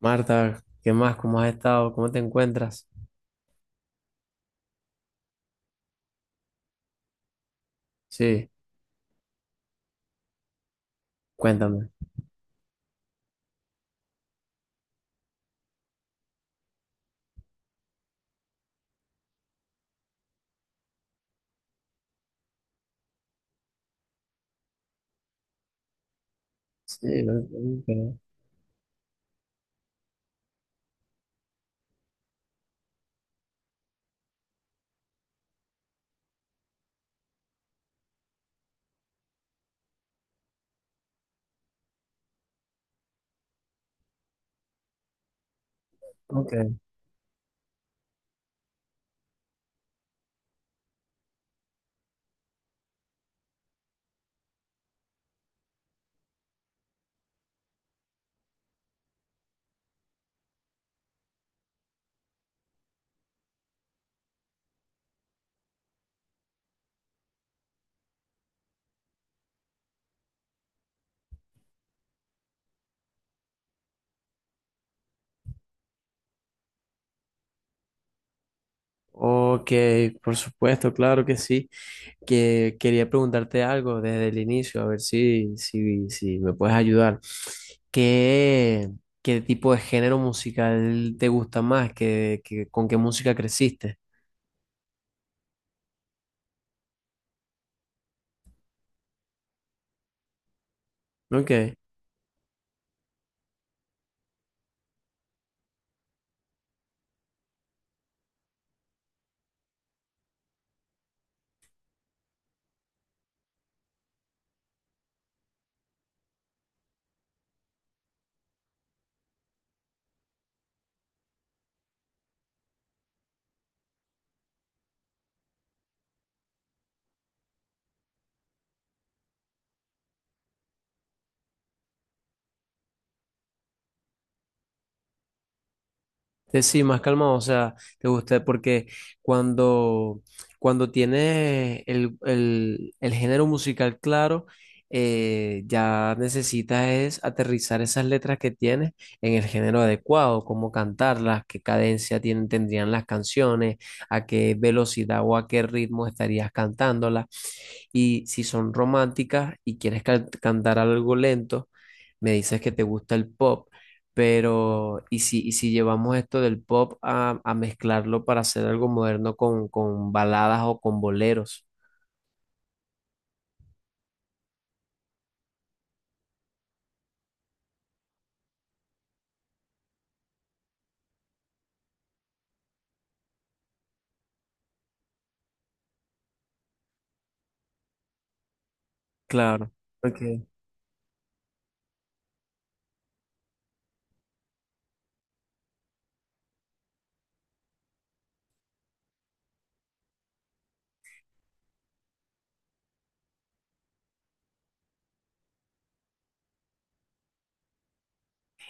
Marta, ¿qué más? ¿Cómo has estado? ¿Cómo te encuentras? Sí, cuéntame. Sí, lo- ok. Ok, por supuesto, claro que sí. Que quería preguntarte algo desde el inicio, a ver si me puedes ayudar. ¿Qué, qué tipo de género musical te gusta más? ¿ Con qué música creciste? Ok. Sí, más calmado, o sea, te gusta, porque cuando, cuando tienes el género musical claro, ya necesitas es aterrizar esas letras que tienes en el género adecuado, cómo cantarlas, qué cadencia tienen, tendrían las canciones, a qué velocidad o a qué ritmo estarías cantándolas. Y si son románticas y quieres cantar algo lento, me dices que te gusta el pop. Pero, y si llevamos esto del pop a mezclarlo para hacer algo moderno con baladas o con boleros? Claro. Ok.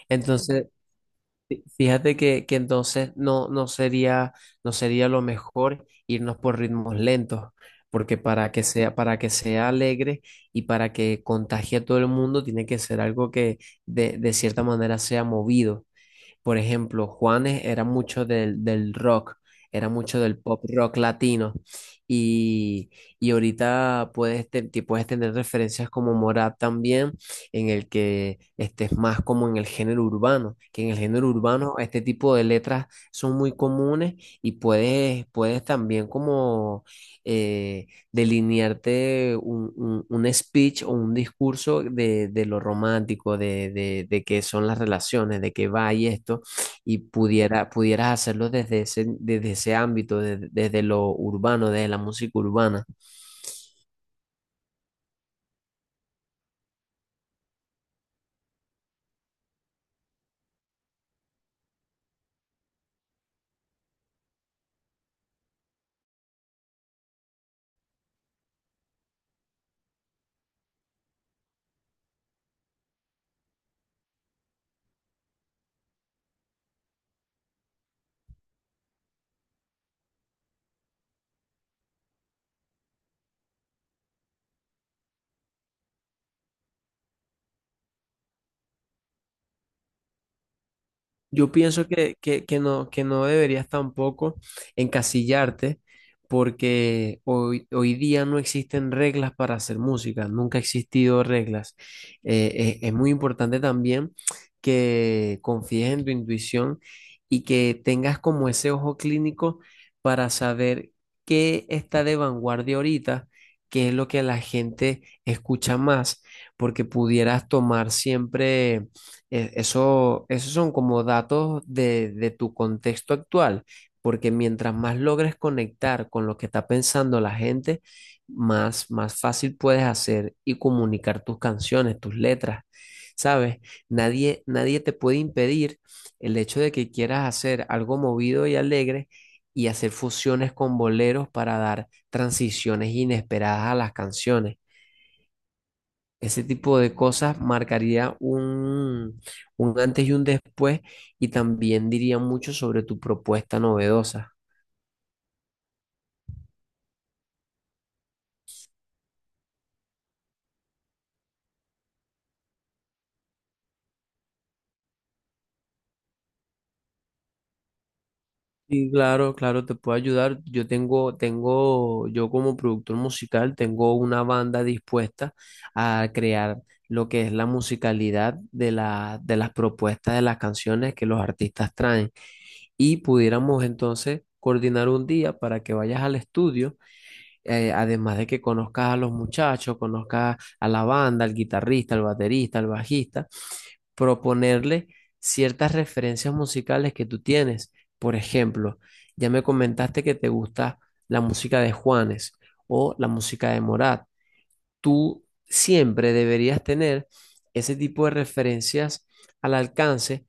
Entonces, fíjate que entonces no sería lo mejor irnos por ritmos lentos, porque para que sea alegre y para que contagie a todo el mundo, tiene que ser algo que de cierta manera sea movido. Por ejemplo, Juanes era mucho del, del rock, era mucho del pop rock latino. Y, y ahorita puedes, te puedes tener referencias como Morat también, en el que estés más como en el género urbano, que en el género urbano este tipo de letras son muy comunes y puedes, puedes también como... eh, delinearte un, un speech o un discurso de lo romántico, de qué son las relaciones, de qué va y esto, y pudiera, pudieras hacerlo desde ese ámbito, desde, desde lo urbano, desde la música urbana. Yo pienso que no deberías tampoco encasillarte porque hoy, hoy día no existen reglas para hacer música, nunca ha existido reglas. Es muy importante también que confíes en tu intuición y que tengas como ese ojo clínico para saber qué está de vanguardia ahorita, qué es lo que la gente escucha más, porque pudieras tomar siempre esos son como datos de tu contexto actual, porque mientras más logres conectar con lo que está pensando la gente, más, más fácil puedes hacer y comunicar tus canciones, tus letras. ¿Sabes? Nadie, nadie te puede impedir el hecho de que quieras hacer algo movido y alegre y hacer fusiones con boleros para dar transiciones inesperadas a las canciones. Ese tipo de cosas marcaría un antes y un después y también diría mucho sobre tu propuesta novedosa. Y claro, claro, te puedo ayudar. Yo yo como productor musical, tengo una banda dispuesta a crear lo que es la musicalidad de la, de las propuestas de las canciones que los artistas traen. Y pudiéramos entonces coordinar un día para que vayas al estudio, además de que conozcas a los muchachos, conozcas a la banda, al guitarrista, al baterista, al bajista, proponerle ciertas referencias musicales que tú tienes. Por ejemplo, ya me comentaste que te gusta la música de Juanes o la música de Morat. Tú siempre deberías tener ese tipo de referencias al alcance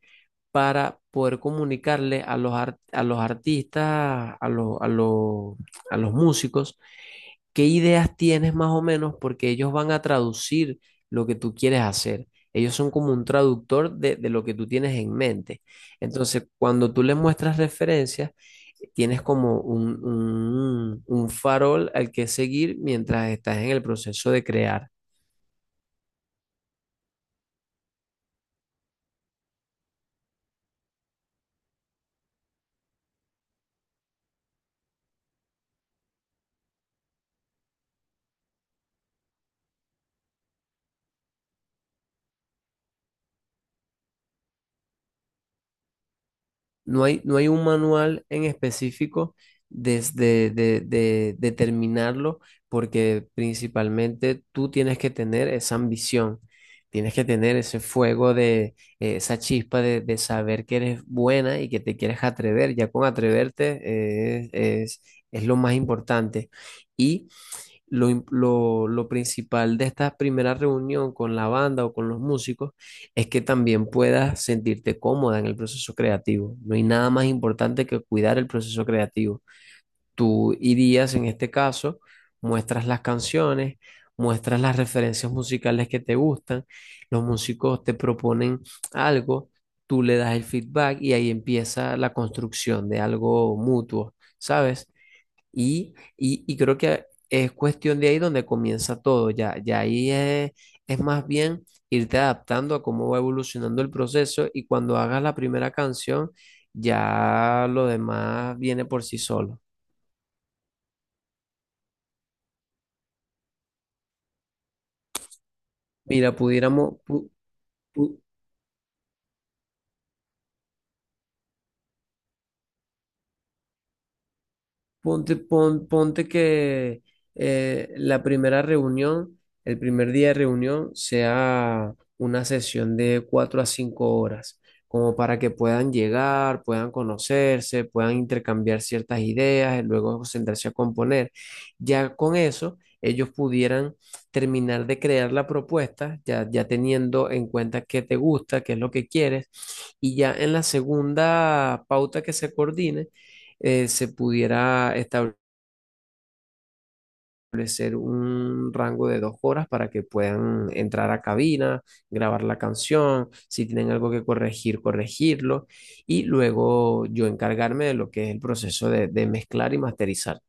para poder comunicarle a a los artistas, a los músicos, ¿qué ideas tienes más o menos? Porque ellos van a traducir lo que tú quieres hacer. Ellos son como un traductor de lo que tú tienes en mente. Entonces, cuando tú les muestras referencias, tienes como un, un farol al que seguir mientras estás en el proceso de crear. No hay un manual en específico desde determinarlo, porque principalmente tú tienes que tener esa ambición, tienes que tener ese fuego de esa chispa de saber que eres buena y que te quieres atrever. Ya con atreverte, es, es lo más importante. Y lo principal de esta primera reunión con la banda o con los músicos es que también puedas sentirte cómoda en el proceso creativo. No hay nada más importante que cuidar el proceso creativo. Tú irías, en este caso, muestras las canciones, muestras las referencias musicales que te gustan, los músicos te proponen algo, tú le das el feedback y ahí empieza la construcción de algo mutuo, ¿sabes? Y creo que es cuestión de ahí donde comienza todo, ya, ya ahí es más bien irte adaptando a cómo va evolucionando el proceso y cuando hagas la primera canción, ya lo demás viene por sí solo. Mira, pu- ponte que la primera reunión, el primer día de reunión, sea una sesión de cuatro a cinco horas, como para que puedan llegar, puedan conocerse, puedan intercambiar ciertas ideas, y luego sentarse a componer. Ya con eso, ellos pudieran terminar de crear la propuesta, ya, ya teniendo en cuenta qué te gusta, qué es lo que quieres, y ya en la segunda pauta que se coordine, se pudiera establecer un rango de dos horas para que puedan entrar a cabina, grabar la canción, si tienen algo que corregir, corregirlo, y luego yo encargarme de lo que es el proceso de mezclar y masterizar.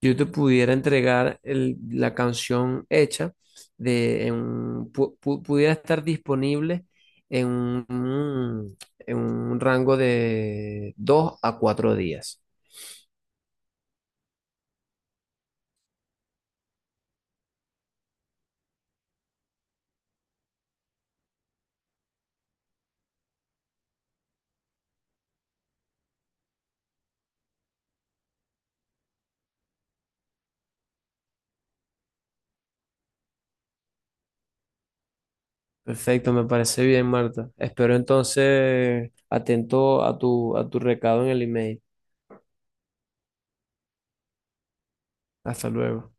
Yo te pudiera entregar la canción hecha, de, en un- pu- pu- pudiera estar disponible en un rango de dos a cuatro días. Perfecto, me parece bien, Marta. Espero entonces atento a tu recado en el email. Hasta luego.